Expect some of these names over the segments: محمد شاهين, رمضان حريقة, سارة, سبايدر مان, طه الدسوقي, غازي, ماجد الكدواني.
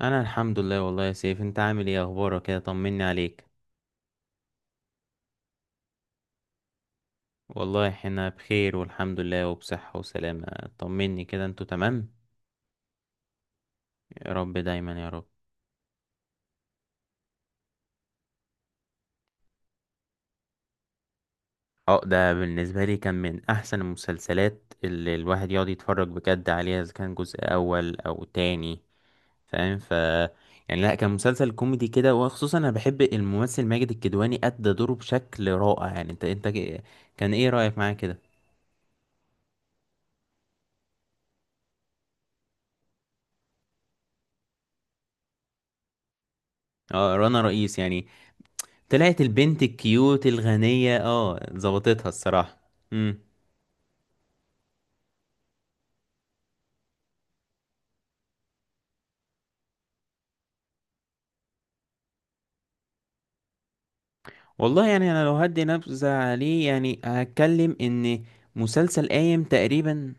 انا الحمد لله، والله يا سيف انت عامل ايه؟ اخبارك كده، طمني عليك. والله احنا بخير والحمد لله وبصحة وسلامة. طمني كده انتوا تمام. يا رب دايما يا رب. اه، ده بالنسبة لي كان من احسن المسلسلات اللي الواحد يقعد يتفرج بجد عليها، اذا كان جزء اول او تاني. فاهم. يعني لا، كان مسلسل كوميدي كده، وخصوصا انا بحب الممثل ماجد الكدواني، ادى دوره بشكل رائع. يعني انت كان ايه رأيك معاه كده؟ اه رنا رئيس يعني. طلعت البنت الكيوت الغنية، اه ظبطتها الصراحة. امم. والله يعني انا لو هدي نبذة عليه، يعني هتكلم ان مسلسل قايم تقريبا.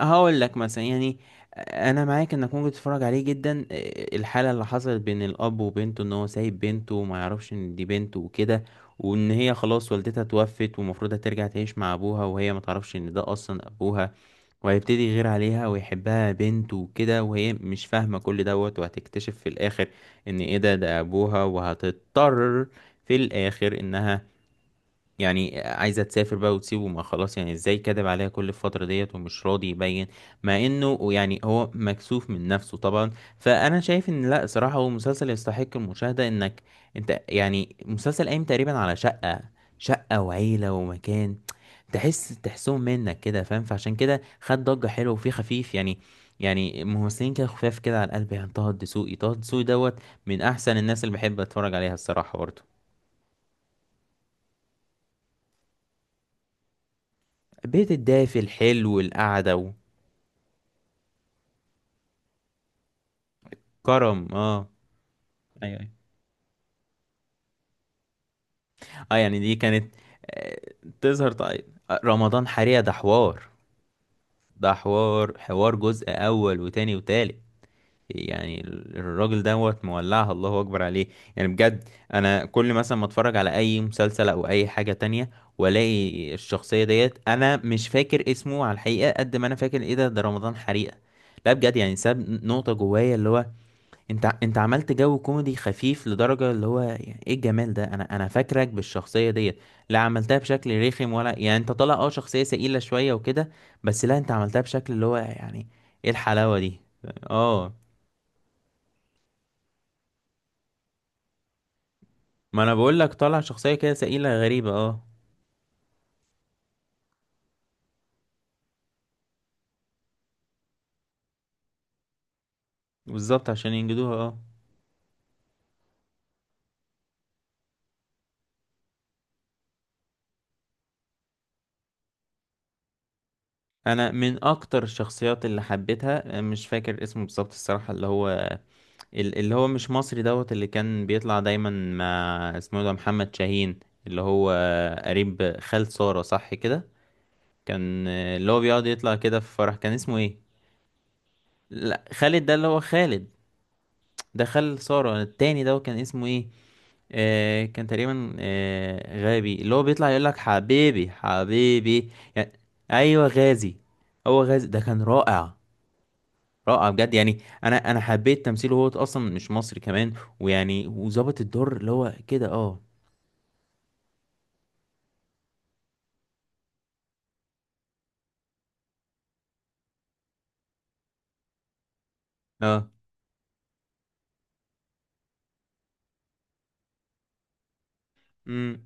هقول لك مثلا يعني، انا معاك انك ممكن تتفرج عليه جدا. الحالة اللي حصلت بين الاب وبنته، ان هو سايب بنته وما يعرفش ان دي بنته وكده، وان هي خلاص والدتها توفت ومفروض هترجع تعيش مع ابوها، وهي ما تعرفش ان ده اصلا ابوها. وهيبتدي يغير عليها ويحبها بنت وكده، وهي مش فاهمة كل دوت. وهتكتشف في الآخر إن إيه ده، ده أبوها. وهتضطر في الآخر إنها يعني عايزة تسافر بقى وتسيبه، ما خلاص يعني ازاي كدب عليها كل الفترة ديت ومش راضي يبين، مع انه يعني هو مكسوف من نفسه طبعا. فانا شايف ان لا، صراحة هو مسلسل يستحق المشاهدة، انك انت يعني مسلسل قايم تقريبا على شقة وعيلة ومكان، تحسهم منك كده. فاهم؟ فعشان كده خد ضجة حلوة وفيه خفيف يعني، يعني ممثلين كده خفاف كده على القلب. يعني طه الدسوقي دوت من احسن الناس اللي بحب اتفرج عليها الصراحة برضه. بيت الدافي الحلو القعدة، كرم اه. ايوه، ايوه. اه يعني دي كانت آه، تظهر طيب. رمضان حريقة ده حوار. ده حوار جزء اول وتاني وتالت. يعني الراجل دوت مولعها، الله اكبر عليه يعني بجد. انا كل مثلا ما اتفرج على اي مسلسل او اي حاجة تانية، والاقي الشخصية ديت، انا مش فاكر اسمه على الحقيقة قد ما انا فاكر ايه ده، ده رمضان حريقة. لا بجد يعني ساب نقطة جوايا اللي هو، انت عملت جو كوميدي خفيف لدرجة اللي هو يعني ايه الجمال ده، انا فاكرك بالشخصية ديت. لا عملتها بشكل رخم، ولا يعني انت طالع اه شخصية سئيلة شوية وكده، بس لا انت عملتها بشكل اللي هو يعني ايه الحلاوة دي. اه. ما انا بقول لك طالع شخصية كده سئيلة غريبة، اه. بالظبط، عشان ينجدوها اه. انا من اكتر الشخصيات اللي حبيتها، مش فاكر اسمه بالظبط الصراحة، اللي هو اللي هو مش مصري دوت، اللي كان بيطلع دايما مع اسمه إيه ده، محمد شاهين. اللي هو قريب خال سارة، صح كده؟ كان اللي هو بيقعد يطلع كده في فرح، كان اسمه ايه؟ لا خالد ده اللي هو خالد. ده خال سارة التاني، ده كان اسمه ايه؟ آه كان تقريبا آه غابي، اللي هو بيطلع يقول لك حبيبي حبيبي يعني. ايوه غازي. هو غازي ده كان رائع، رائع بجد يعني. انا حبيت تمثيله، هو اصلا مش مصري كمان، ويعني وظابط الدور اللي هو كده اه. اه. امم.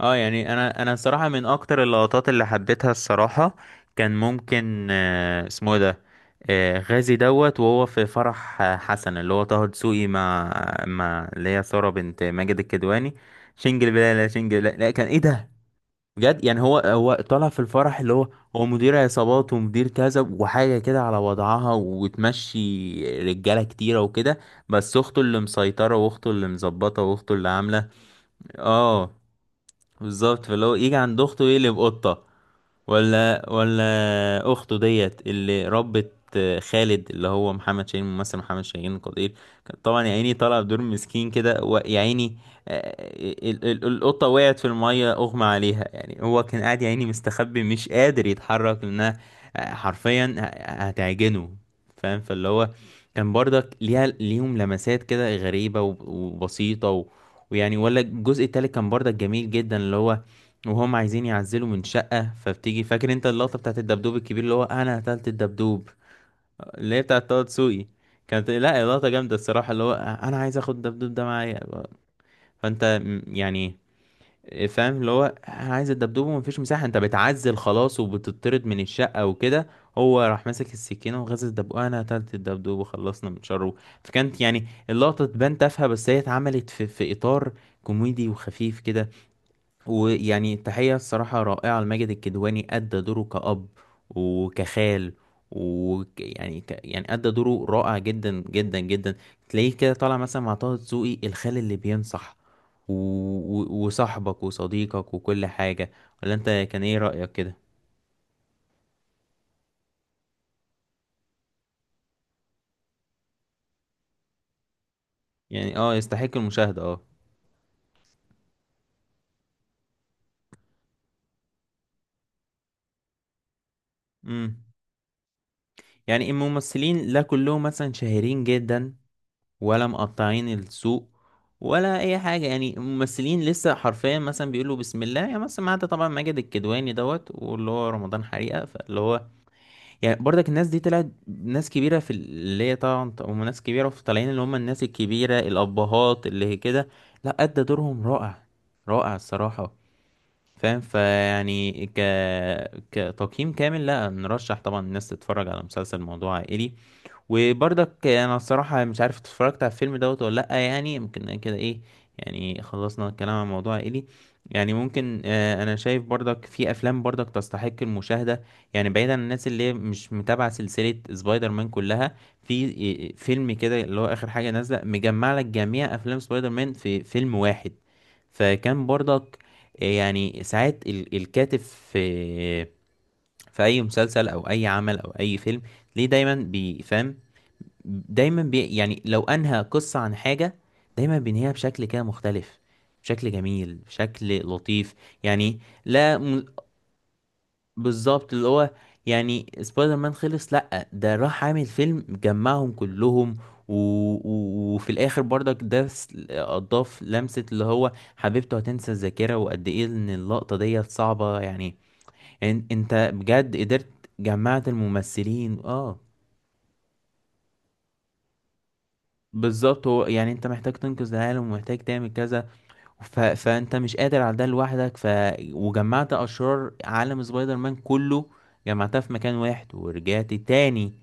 اه، يعني انا الصراحه من اكتر اللقطات اللي حبيتها الصراحه، كان ممكن آه اسمه إيه ده، آه غازي دوت، وهو في فرح آه، حسن اللي هو طه دسوقي، مع مع اللي هي ساره بنت ماجد الكدواني. شنجل بلا لا شنجل لا, لا كان ايه ده. بجد يعني، هو طالع في الفرح اللي هو، هو مدير عصابات ومدير كذا وحاجة كده على وضعها، وتمشي رجالة كتيرة وكده، بس أخته اللي مسيطرة، وأخته اللي مظبطة، وأخته اللي عاملة اه. بالظبط، فاللي هو يجي عند أخته يقلب قطة. ولا اخته ديت اللي ربت خالد، اللي هو محمد شاهين، ممثل محمد شاهين القدير، كان طبعا يا عيني طلع بدور مسكين كده، ويا عيني آه، آه، القطه وقعت في الميه، اغمى عليها، يعني هو كان قاعد يا عيني مستخبي مش قادر يتحرك، لانها آه، حرفيا هتعجنه. فاهم؟ فاللي هو كان برضك ليها ليهم لمسات كده غريبه وبسيطه ويعني. ولا الجزء التالت كان برضك جميل جدا، اللي هو وهم عايزين يعزلوا من شقة، فبتيجي فاكر انت اللقطة بتاعت الدبدوب الكبير، اللي هو انا قتلت الدبدوب، اللي هي بتاعت طه دسوقي. كانت لا لقطة جامدة الصراحة، اللي هو انا عايز اخد الدبدوب ده معايا. فانت يعني فاهم، اللي هو انا عايز الدبدوب، ومفيش مساحة، انت بتعزل خلاص وبتطرد من الشقة وكده. هو راح ماسك السكينة وغزل الدبدوب، انا قتلت الدبدوب وخلصنا من شره. فكانت يعني اللقطة تبان تافهة، بس هي اتعملت في، في اطار كوميدي وخفيف كده. ويعني تحية الصراحة رائعة لماجد الكدواني، أدى دوره كأب وكخال، ويعني، يعني أدى دوره رائع جدا جدا جدا. تلاقيه كده طالع مثلا مع طه دسوقي، الخال اللي بينصح و... وصاحبك وصديقك وكل حاجة. ولا أنت، كان إيه رأيك كده؟ يعني اه يستحق المشاهدة اه. امم. يعني الممثلين لا كلهم مثلا شهيرين جدا، ولا مقطعين السوق، ولا اي حاجه، يعني ممثلين لسه حرفيا مثلا بيقولوا بسم الله، يعني مثلا ما عدا طبعا ماجد الكدواني دوت، واللي هو رمضان حريقه، فاللي هو يعني برضك الناس دي طلعت ناس كبيره في اللي هي طبعا هم ناس كبيره، في طالعين اللي هم الناس الكبيره الابهات اللي هي كده. لا ادى دورهم رائع، رائع الصراحه. فاهم؟ فيعني، كتقييم كامل لا نرشح طبعا الناس تتفرج على مسلسل موضوع عائلي. وبرضك انا الصراحة مش عارف اتفرجت على الفيلم دوت ولا لأ، يعني يمكن كده ايه. يعني خلصنا الكلام عن موضوع عائلي. يعني ممكن آه، انا شايف برضك في افلام برضك تستحق المشاهدة، يعني بعيدا عن الناس اللي هي مش متابعة سلسلة سبايدر مان كلها، في إيه، فيلم كده اللي هو اخر حاجة نازلة، مجمع لك جميع افلام سبايدر مان في فيلم واحد. فكان برضك آه، يعني ساعات الكاتب في آه، في اي مسلسل او اي عمل او اي فيلم، ليه دايما بيفهم، دايما يعني لو انهى قصة عن حاجة، دايما بينهيها بشكل كده مختلف، بشكل جميل بشكل لطيف. يعني لا م... بالظبط، اللي هو يعني سبايدر مان خلص، لا ده راح عامل فيلم جمعهم كلهم. و... وفي الاخر برضك ده اضاف لمسة، اللي هو حبيبته هتنسى الذاكرة، وقد ايه ان اللقطة ديت صعبة يعني. انت بجد قدرت جمعت الممثلين اه. بالظبط، هو يعني انت محتاج تنقذ العالم ومحتاج تعمل كذا، فانت مش قادر على ده لوحدك، وجمعت اشرار عالم سبايدر مان كله، جمعتها في مكان واحد، ورجعت تاني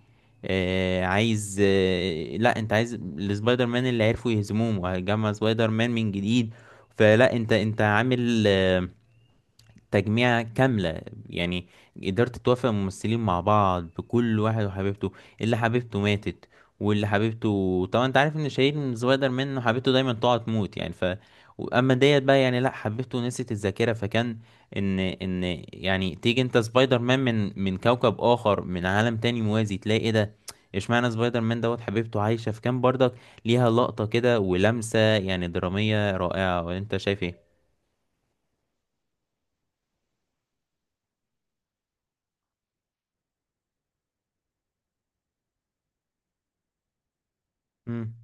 آه عايز آه، لا انت عايز السبايدر مان اللي عرفوا يهزموهم، وهتجمع سبايدر مان من جديد. فلا انت عامل آه، تجميعة كاملة يعني. قدرت توافق الممثلين مع بعض، بكل واحد وحبيبته، اللي حبيبته ماتت، واللي حبيبته طبعا انت عارف ان شيرين من سبايدر مان إنه حبيبته دايما تقعد تموت يعني. ف اما ديت بقى يعني لا، حبيبته نسيت الذاكرة، فكان ان يعني تيجي انت سبايدر مان من كوكب اخر، من عالم تاني موازي، تلاقي ايه ده، اشمعنى سبايدر مان دوت حبيبته عايشة. فكان برضك ليها لقطة كده ولمسة يعني درامية رائعة. وانت شايف ايه؟ امم.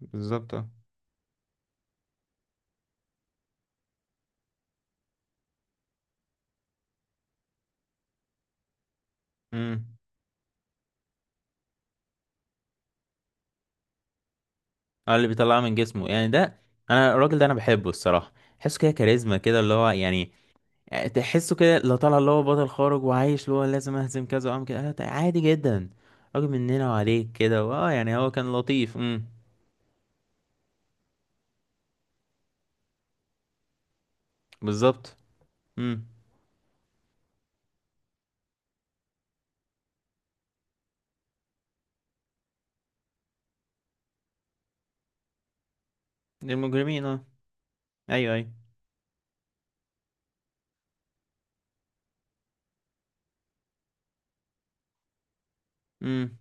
بالظبط اه. مم. اه اللي بيطلعه من جسمه يعني ده. انا الراجل ده انا بحبه الصراحه، تحسه كده كاريزما كده اللي هو يعني آه، تحسه كده، لا طالع اللي هو بطل خارج وعايش، اللي هو لازم اهزم كذا وعم كده، لا، ده عادي جدا، راجل مننا وعليك كده، واه يعني هو كان لطيف. امم. بالظبط. امم. المجرمين اه. ايوه، ايوه. امم.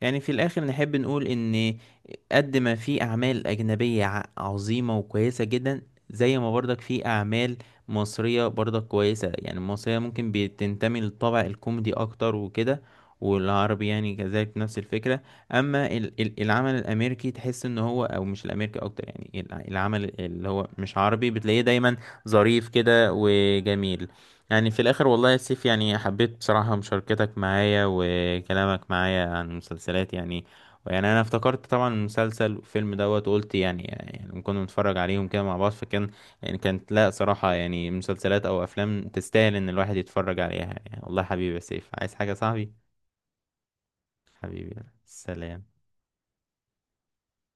يعني في الآخر نحب نقول إن قد ما في أعمال أجنبية عظيمة وكويسة جدا، زي ما برضك في أعمال مصرية برضك كويسة، يعني المصرية ممكن بتنتمي للطابع الكوميدي أكتر وكده، والعربي يعني كذلك نفس الفكرة. أما العمل الأمريكي، تحس إن هو أو مش الأمريكي أكتر، يعني العمل اللي هو مش عربي، بتلاقيه دايما ظريف كده وجميل. يعني في الاخر والله يا سيف، يعني حبيت بصراحة مشاركتك معايا وكلامك معايا عن المسلسلات. يعني يعني انا افتكرت طبعا المسلسل والفيلم دوت، وقلت يعني يعني كنا بنتفرج عليهم كده مع بعض، فكان يعني كانت لا صراحة يعني مسلسلات او افلام تستاهل ان الواحد يتفرج عليها. يعني والله حبيبي يا سيف، عايز حاجة يا صاحبي؟ حبيبي، سلام.